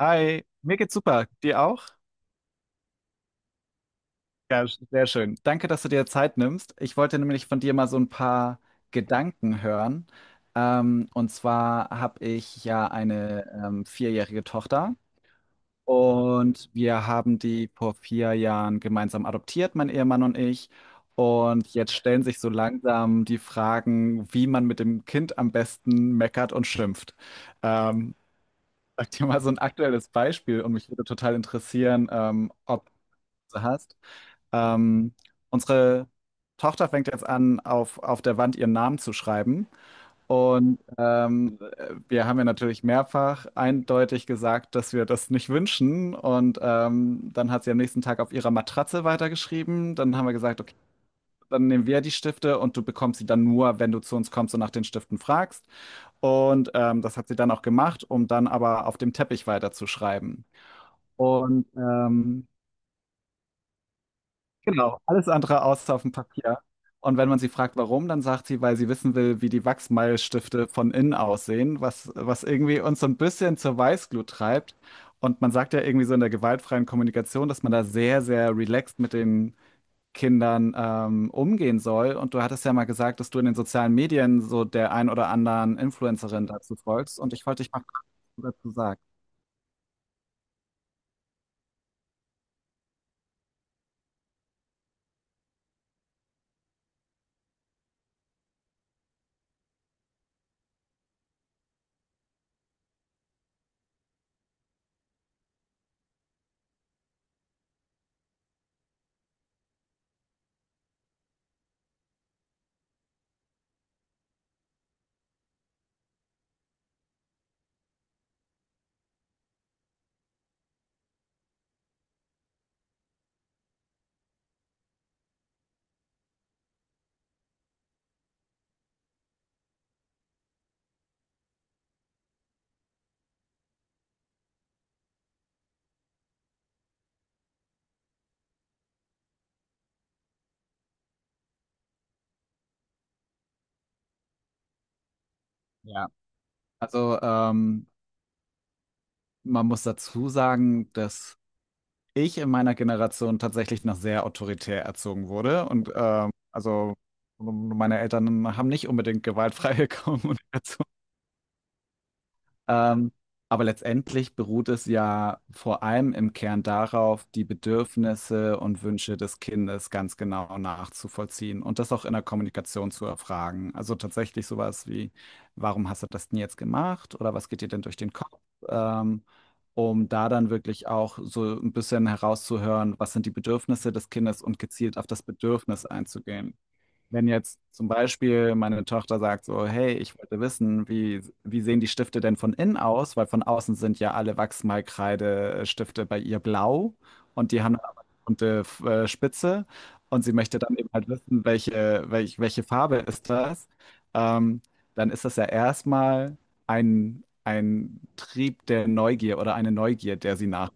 Hi, mir geht's super. Dir auch? Ja, sehr schön. Danke, dass du dir Zeit nimmst. Ich wollte nämlich von dir mal so ein paar Gedanken hören. Und zwar habe ich ja eine vierjährige Tochter und wir haben die vor vier Jahren gemeinsam adoptiert, mein Ehemann und ich. Und jetzt stellen sich so langsam die Fragen, wie man mit dem Kind am besten meckert und schimpft. Ähm, Sag dir mal so ein aktuelles Beispiel und mich würde total interessieren, ob du hast. Ähm, Unsere Tochter fängt jetzt an, auf der Wand ihren Namen zu schreiben. Und wir haben ja natürlich mehrfach eindeutig gesagt, dass wir das nicht wünschen. Und dann hat sie am nächsten Tag auf ihrer Matratze weitergeschrieben. Dann haben wir gesagt, okay, dann nehmen wir die Stifte und du bekommst sie dann nur, wenn du zu uns kommst und nach den Stiften fragst. Und das hat sie dann auch gemacht, um dann aber auf dem Teppich weiterzuschreiben. Und genau, alles andere außer auf dem Papier. Und wenn man sie fragt, warum, dann sagt sie, weil sie wissen will, wie die Wachsmalstifte von innen aussehen, was, was irgendwie uns so ein bisschen zur Weißglut treibt. Und man sagt ja irgendwie so in der gewaltfreien Kommunikation, dass man da sehr, sehr relaxed mit den Kindern umgehen soll. Und du hattest ja mal gesagt, dass du in den sozialen Medien so der ein oder anderen Influencerin dazu folgst. Und ich wollte dich mal fragen, was du dazu sagst. Ja. Also man muss dazu sagen, dass ich in meiner Generation tatsächlich noch sehr autoritär erzogen wurde. Und also meine Eltern haben nicht unbedingt gewaltfreie Kommunikation ähm, aber letztendlich beruht es ja vor allem im Kern darauf, die Bedürfnisse und Wünsche des Kindes ganz genau nachzuvollziehen und das auch in der Kommunikation zu erfragen. Also tatsächlich sowas wie, warum hast du das denn jetzt gemacht oder was geht dir denn durch den Kopf? Ähm, Um da dann wirklich auch so ein bisschen herauszuhören, was sind die Bedürfnisse des Kindes und gezielt auf das Bedürfnis einzugehen. Wenn jetzt zum Beispiel meine Tochter sagt so, hey, ich wollte wissen, wie, wie sehen die Stifte denn von innen aus? Weil von außen sind ja alle Wachsmalkreidestifte bei ihr blau und die haben dann aber eine bunte Spitze und sie möchte dann eben halt wissen, welche, welche Farbe ist das? Ähm, Dann ist das ja erstmal ein Trieb der Neugier oder eine Neugier, der sie nach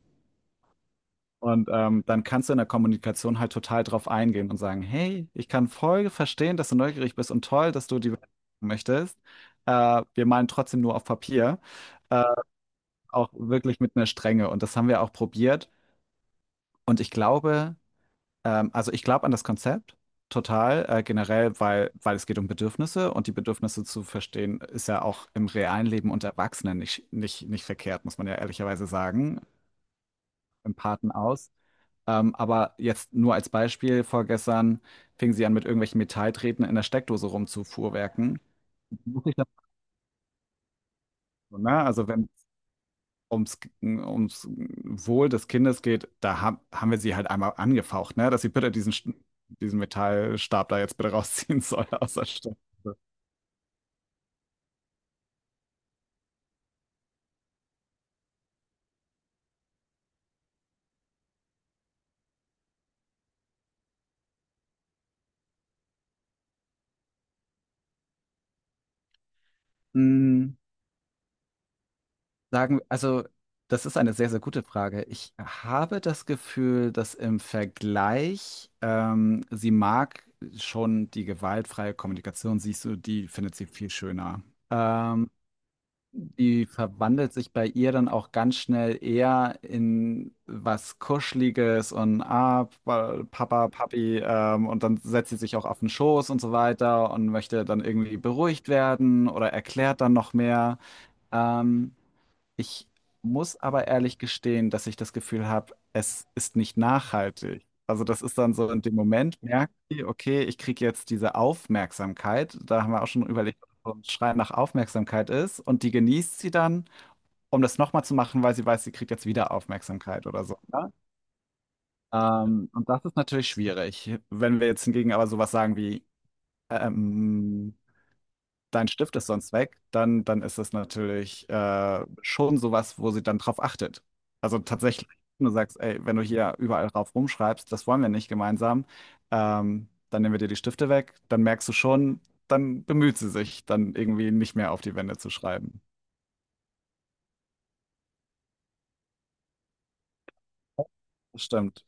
und dann kannst du in der Kommunikation halt total drauf eingehen und sagen, hey, ich kann voll verstehen, dass du neugierig bist und toll, dass du die Welt entdecken möchtest. Wir malen trotzdem nur auf Papier, äh, auch wirklich mit einer Strenge. Und das haben wir auch probiert. Und ich glaube, also ich glaube an das Konzept total, generell, weil, weil es geht um Bedürfnisse und die Bedürfnisse zu verstehen, ist ja auch im realen Leben unter Erwachsenen nicht verkehrt, muss man ja ehrlicherweise sagen, im Paten aus. Aber jetzt nur als Beispiel, vorgestern fingen sie an, mit irgendwelchen Metalltreten in der Steckdose rumzufuhrwerken. Muss ich das, so, ne? Also wenn es ums Wohl des Kindes geht, da ha haben wir sie halt einmal angefaucht, ne? Dass sie bitte diesen, diesen Metallstab da jetzt bitte rausziehen soll aus der Steckdose. Sagen, also das ist eine sehr, sehr gute Frage. Ich habe das Gefühl, dass im Vergleich, sie mag schon die gewaltfreie Kommunikation, siehst du, die findet sie viel schöner. Ähm, Die verwandelt sich bei ihr dann auch ganz schnell eher in was Kuscheliges und ah, Papa, Papi, und dann setzt sie sich auch auf den Schoß und so weiter und möchte dann irgendwie beruhigt werden oder erklärt dann noch mehr. Ähm, Ich muss aber ehrlich gestehen, dass ich das Gefühl habe, es ist nicht nachhaltig. Also das ist dann so in dem Moment, merkt sie, okay, ich kriege jetzt diese Aufmerksamkeit. Da haben wir auch schon überlegt, ob so ein Schrei nach Aufmerksamkeit ist. Und die genießt sie dann, um das nochmal zu machen, weil sie weiß, sie kriegt jetzt wieder Aufmerksamkeit oder so. Ne? Und das ist natürlich schwierig. Wenn wir jetzt hingegen aber sowas sagen wie, ähm, dein Stift ist sonst weg, dann ist es natürlich schon sowas, wo sie dann drauf achtet. Also tatsächlich, wenn du sagst, ey, wenn du hier überall drauf rumschreibst, das wollen wir nicht gemeinsam, dann nehmen wir dir die Stifte weg, dann merkst du schon, dann bemüht sie sich, dann irgendwie nicht mehr auf die Wände zu schreiben. Das stimmt.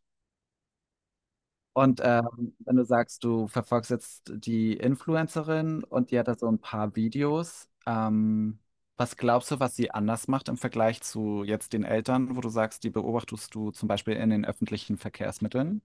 Und wenn du sagst, du verfolgst jetzt die Influencerin und die hat da so ein paar Videos, was glaubst du, was sie anders macht im Vergleich zu jetzt den Eltern, wo du sagst, die beobachtest du zum Beispiel in den öffentlichen Verkehrsmitteln?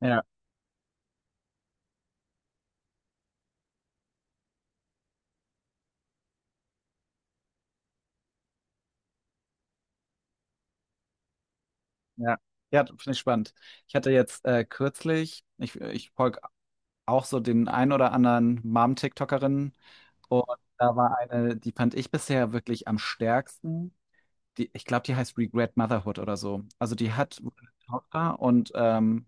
Ja, ja. Ja, finde ich spannend. Ich hatte jetzt kürzlich, ich folge auch so den ein oder anderen Mom-TikTokerin und da war eine, die fand ich bisher wirklich am stärksten. Die, ich glaube, die heißt Regret Motherhood oder so. Also die hat eine Tochter und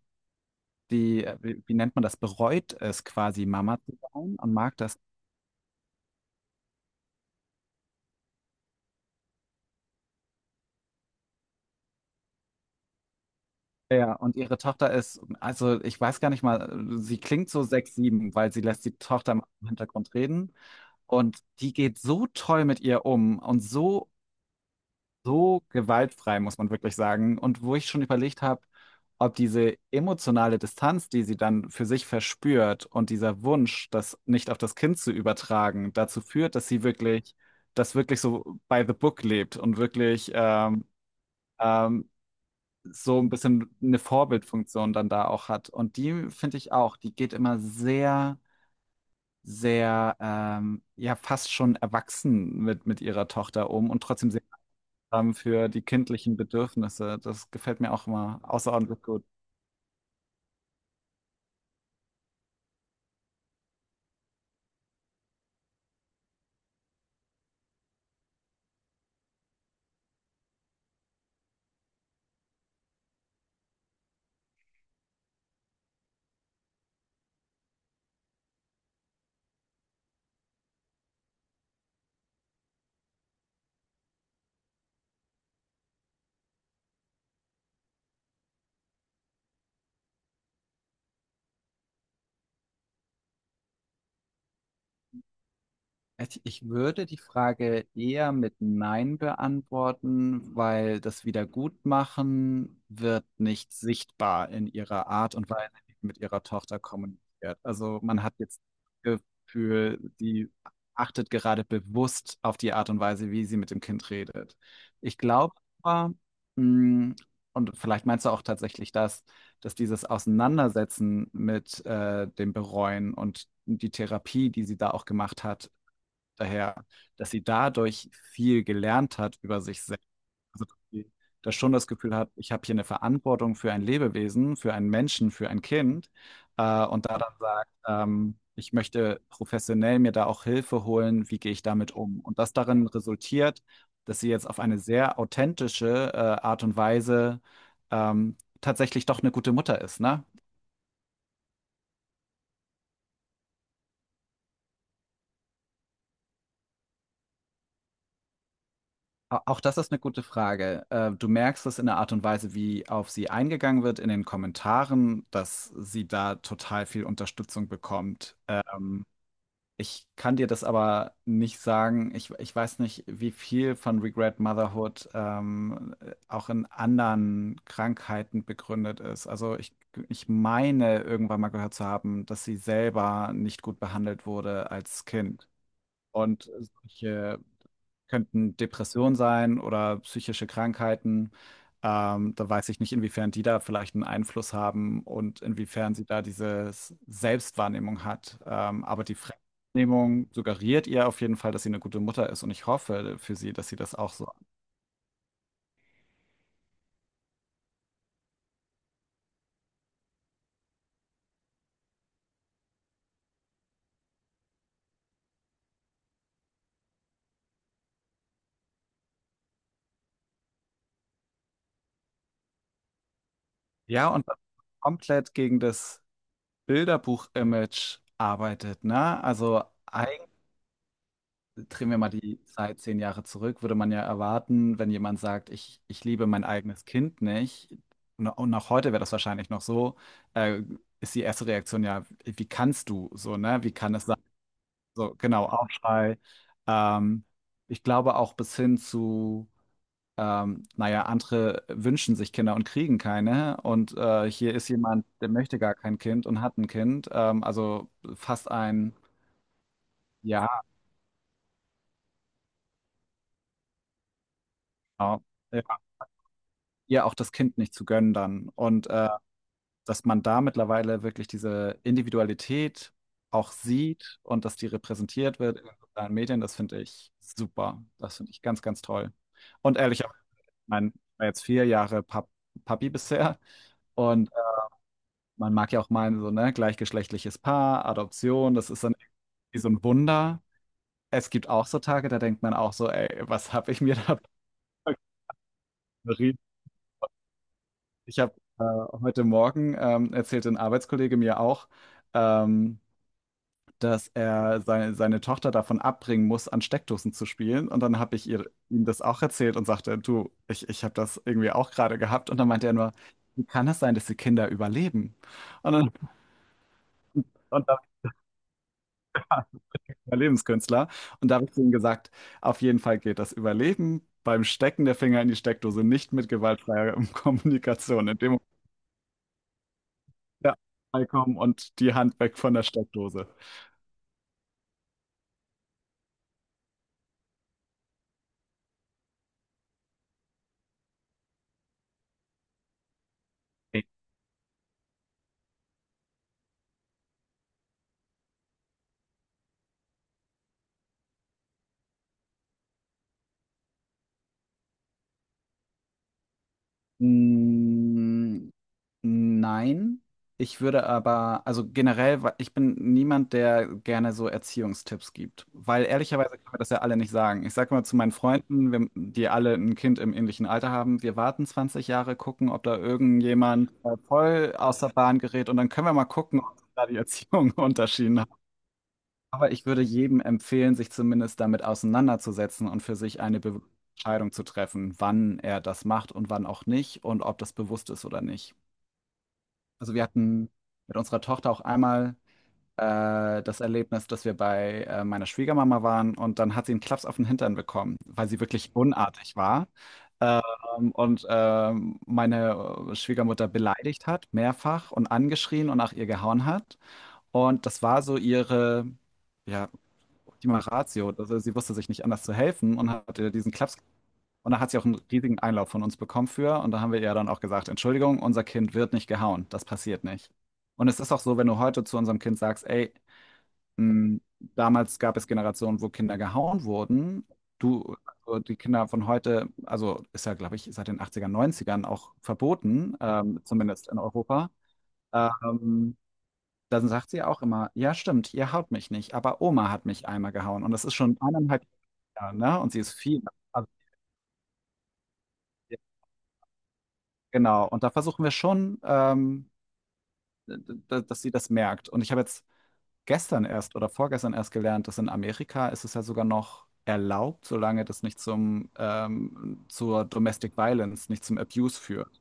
die, wie, wie nennt man das, bereut es quasi, Mama zu sein und mag das. Ja, und ihre Tochter ist, also ich weiß gar nicht mal, sie klingt so sechs, sieben, weil sie lässt die Tochter im Hintergrund reden. Und die geht so toll mit ihr um und so so gewaltfrei, muss man wirklich sagen. Und wo ich schon überlegt habe, ob diese emotionale Distanz, die sie dann für sich verspürt und dieser Wunsch, das nicht auf das Kind zu übertragen, dazu führt, dass sie wirklich, das wirklich so by the book lebt und wirklich ähm, so ein bisschen eine Vorbildfunktion dann da auch hat. Und die finde ich auch, die geht immer sehr sehr ja fast schon erwachsen mit ihrer Tochter um und trotzdem sehr haben für die kindlichen Bedürfnisse. Das gefällt mir auch immer außerordentlich gut. Ich würde die Frage eher mit Nein beantworten, weil das Wiedergutmachen wird nicht sichtbar in ihrer Art und Weise, wie sie mit ihrer Tochter kommuniziert. Also man hat jetzt das Gefühl, sie achtet gerade bewusst auf die Art und Weise, wie sie mit dem Kind redet. Ich glaube aber, mh, und vielleicht meinst du auch tatsächlich das, dass dieses Auseinandersetzen mit dem Bereuen und die Therapie, die sie da auch gemacht hat, daher, dass sie dadurch viel gelernt hat über sich selbst. Also, dass sie das schon das Gefühl hat, ich habe hier eine Verantwortung für ein Lebewesen, für einen Menschen, für ein Kind. Und da dann sagt, ich möchte professionell mir da auch Hilfe holen, wie gehe ich damit um? Und das darin resultiert, dass sie jetzt auf eine sehr authentische, Art und Weise, tatsächlich doch eine gute Mutter ist, ne? Auch das ist eine gute Frage. Du merkst es in der Art und Weise, wie auf sie eingegangen wird in den Kommentaren, dass sie da total viel Unterstützung bekommt. Ich kann dir das aber nicht sagen. Ich weiß nicht, wie viel von Regret Motherhood auch in anderen Krankheiten begründet ist. Ich meine, irgendwann mal gehört zu haben, dass sie selber nicht gut behandelt wurde als Kind. Und solche könnten Depressionen sein oder psychische Krankheiten. Da weiß ich nicht, inwiefern die da vielleicht einen Einfluss haben und inwiefern sie da diese Selbstwahrnehmung hat. Aber die Fremdwahrnehmung suggeriert ihr auf jeden Fall, dass sie eine gute Mutter ist und ich hoffe für sie, dass sie das auch so. Ja, und dann komplett gegen das Bilderbuch-Image arbeitet, ne? Also drehen wir mal die Zeit zehn Jahre zurück, würde man ja erwarten, wenn jemand sagt, ich liebe mein eigenes Kind nicht, und auch heute wäre das wahrscheinlich noch so, äh, ist die erste Reaktion ja, wie kannst du so, ne? Wie kann es sein? So, genau, Aufschrei. Ähm, Ich glaube auch bis hin zu, naja, andere wünschen sich Kinder und kriegen keine. Und hier ist jemand, der möchte gar kein Kind und hat ein Kind. Also fast ein, ja, ihr auch das Kind nicht zu gönnen dann. Und dass man da mittlerweile wirklich diese Individualität auch sieht und dass die repräsentiert wird in den sozialen Medien, das finde ich super. Das finde ich ganz, ganz toll. Und ehrlich, auch, ich mein, ich war jetzt vier Jahre Papi bisher und man mag ja auch meinen, so, ne, gleichgeschlechtliches Paar, Adoption, das ist dann irgendwie so ein Wunder. Es gibt auch so Tage, da denkt man auch so, ey, was habe ich mir da Ich habe äh, heute Morgen erzählte ein Arbeitskollege mir auch, ähm, dass er seine, seine Tochter davon abbringen muss, an Steckdosen zu spielen. Und dann ihm das auch erzählt und sagte, du, ich habe das irgendwie auch gerade gehabt. Und dann meinte er nur, wie kann das sein, dass die Kinder überleben? Und dann, und da bin ich Überlebenskünstler. Und da habe ich ihm gesagt, auf jeden Fall geht das Überleben beim Stecken der Finger in die Steckdose nicht mit gewaltfreier Kommunikation. In dem Moment, ja, kommen und die Hand weg von der Steckdose. Mm, Nein, ich würde aber, also generell, ich bin niemand, der gerne so Erziehungstipps gibt, weil ehrlicherweise können wir das ja alle nicht sagen. Ich sage mal zu meinen Freunden, wir, die alle ein Kind im ähnlichen Alter haben, wir warten 20 Jahre, gucken, ob da irgendjemand voll aus der Bahn gerät und dann können wir mal gucken, ob da die Erziehung Unterschieden aber ich würde jedem empfehlen, sich zumindest damit auseinanderzusetzen und für sich eine Be Entscheidung zu treffen, wann er das macht und wann auch nicht und ob das bewusst ist oder nicht. Also wir hatten mit unserer Tochter auch einmal das Erlebnis, dass wir bei meiner Schwiegermama waren und dann hat sie einen Klaps auf den Hintern bekommen, weil sie wirklich unartig war. Und meine Schwiegermutter beleidigt hat, mehrfach und angeschrien und nach ihr gehauen hat. Und das war so ihre, ja, die Ratio. Also sie wusste sich nicht anders zu helfen und hat ihr diesen Klaps. Und da hat sie auch einen riesigen Einlauf von uns bekommen für. Und da haben wir ihr dann auch gesagt, Entschuldigung, unser Kind wird nicht gehauen. Das passiert nicht. Und es ist auch so, wenn du heute zu unserem Kind sagst, ey, mh, damals gab es Generationen, wo Kinder gehauen wurden. Du, also die Kinder von heute, also ist ja, glaube ich, seit den 80ern, 90ern auch verboten, zumindest in Europa. Ähm, Dann sagt sie auch immer, ja stimmt, ihr haut mich nicht, aber Oma hat mich einmal gehauen. Und das ist schon eineinhalb ja, ne? Und sie ist viel. Also, ja, genau. Und da versuchen wir schon, d- dass sie das merkt. Und ich habe jetzt gestern erst oder vorgestern erst gelernt, dass in Amerika ist es ja sogar noch erlaubt, solange das nicht zum zur Domestic Violence, nicht zum Abuse führt.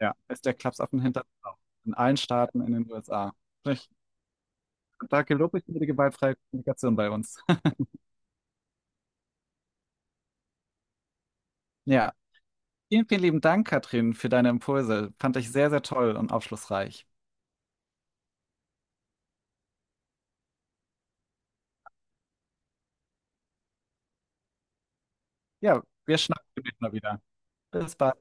Ja, ist der Klapsaffen hinter in allen Staaten in den USA. Ich, da gelobe ich mir die gewaltfreie Kommunikation bei uns. Ja, vielen lieben Dank, Katrin, für deine Impulse. Fand ich sehr, sehr toll und aufschlussreich. Ja, wir schnacken demnächst mal wieder. Bis bald.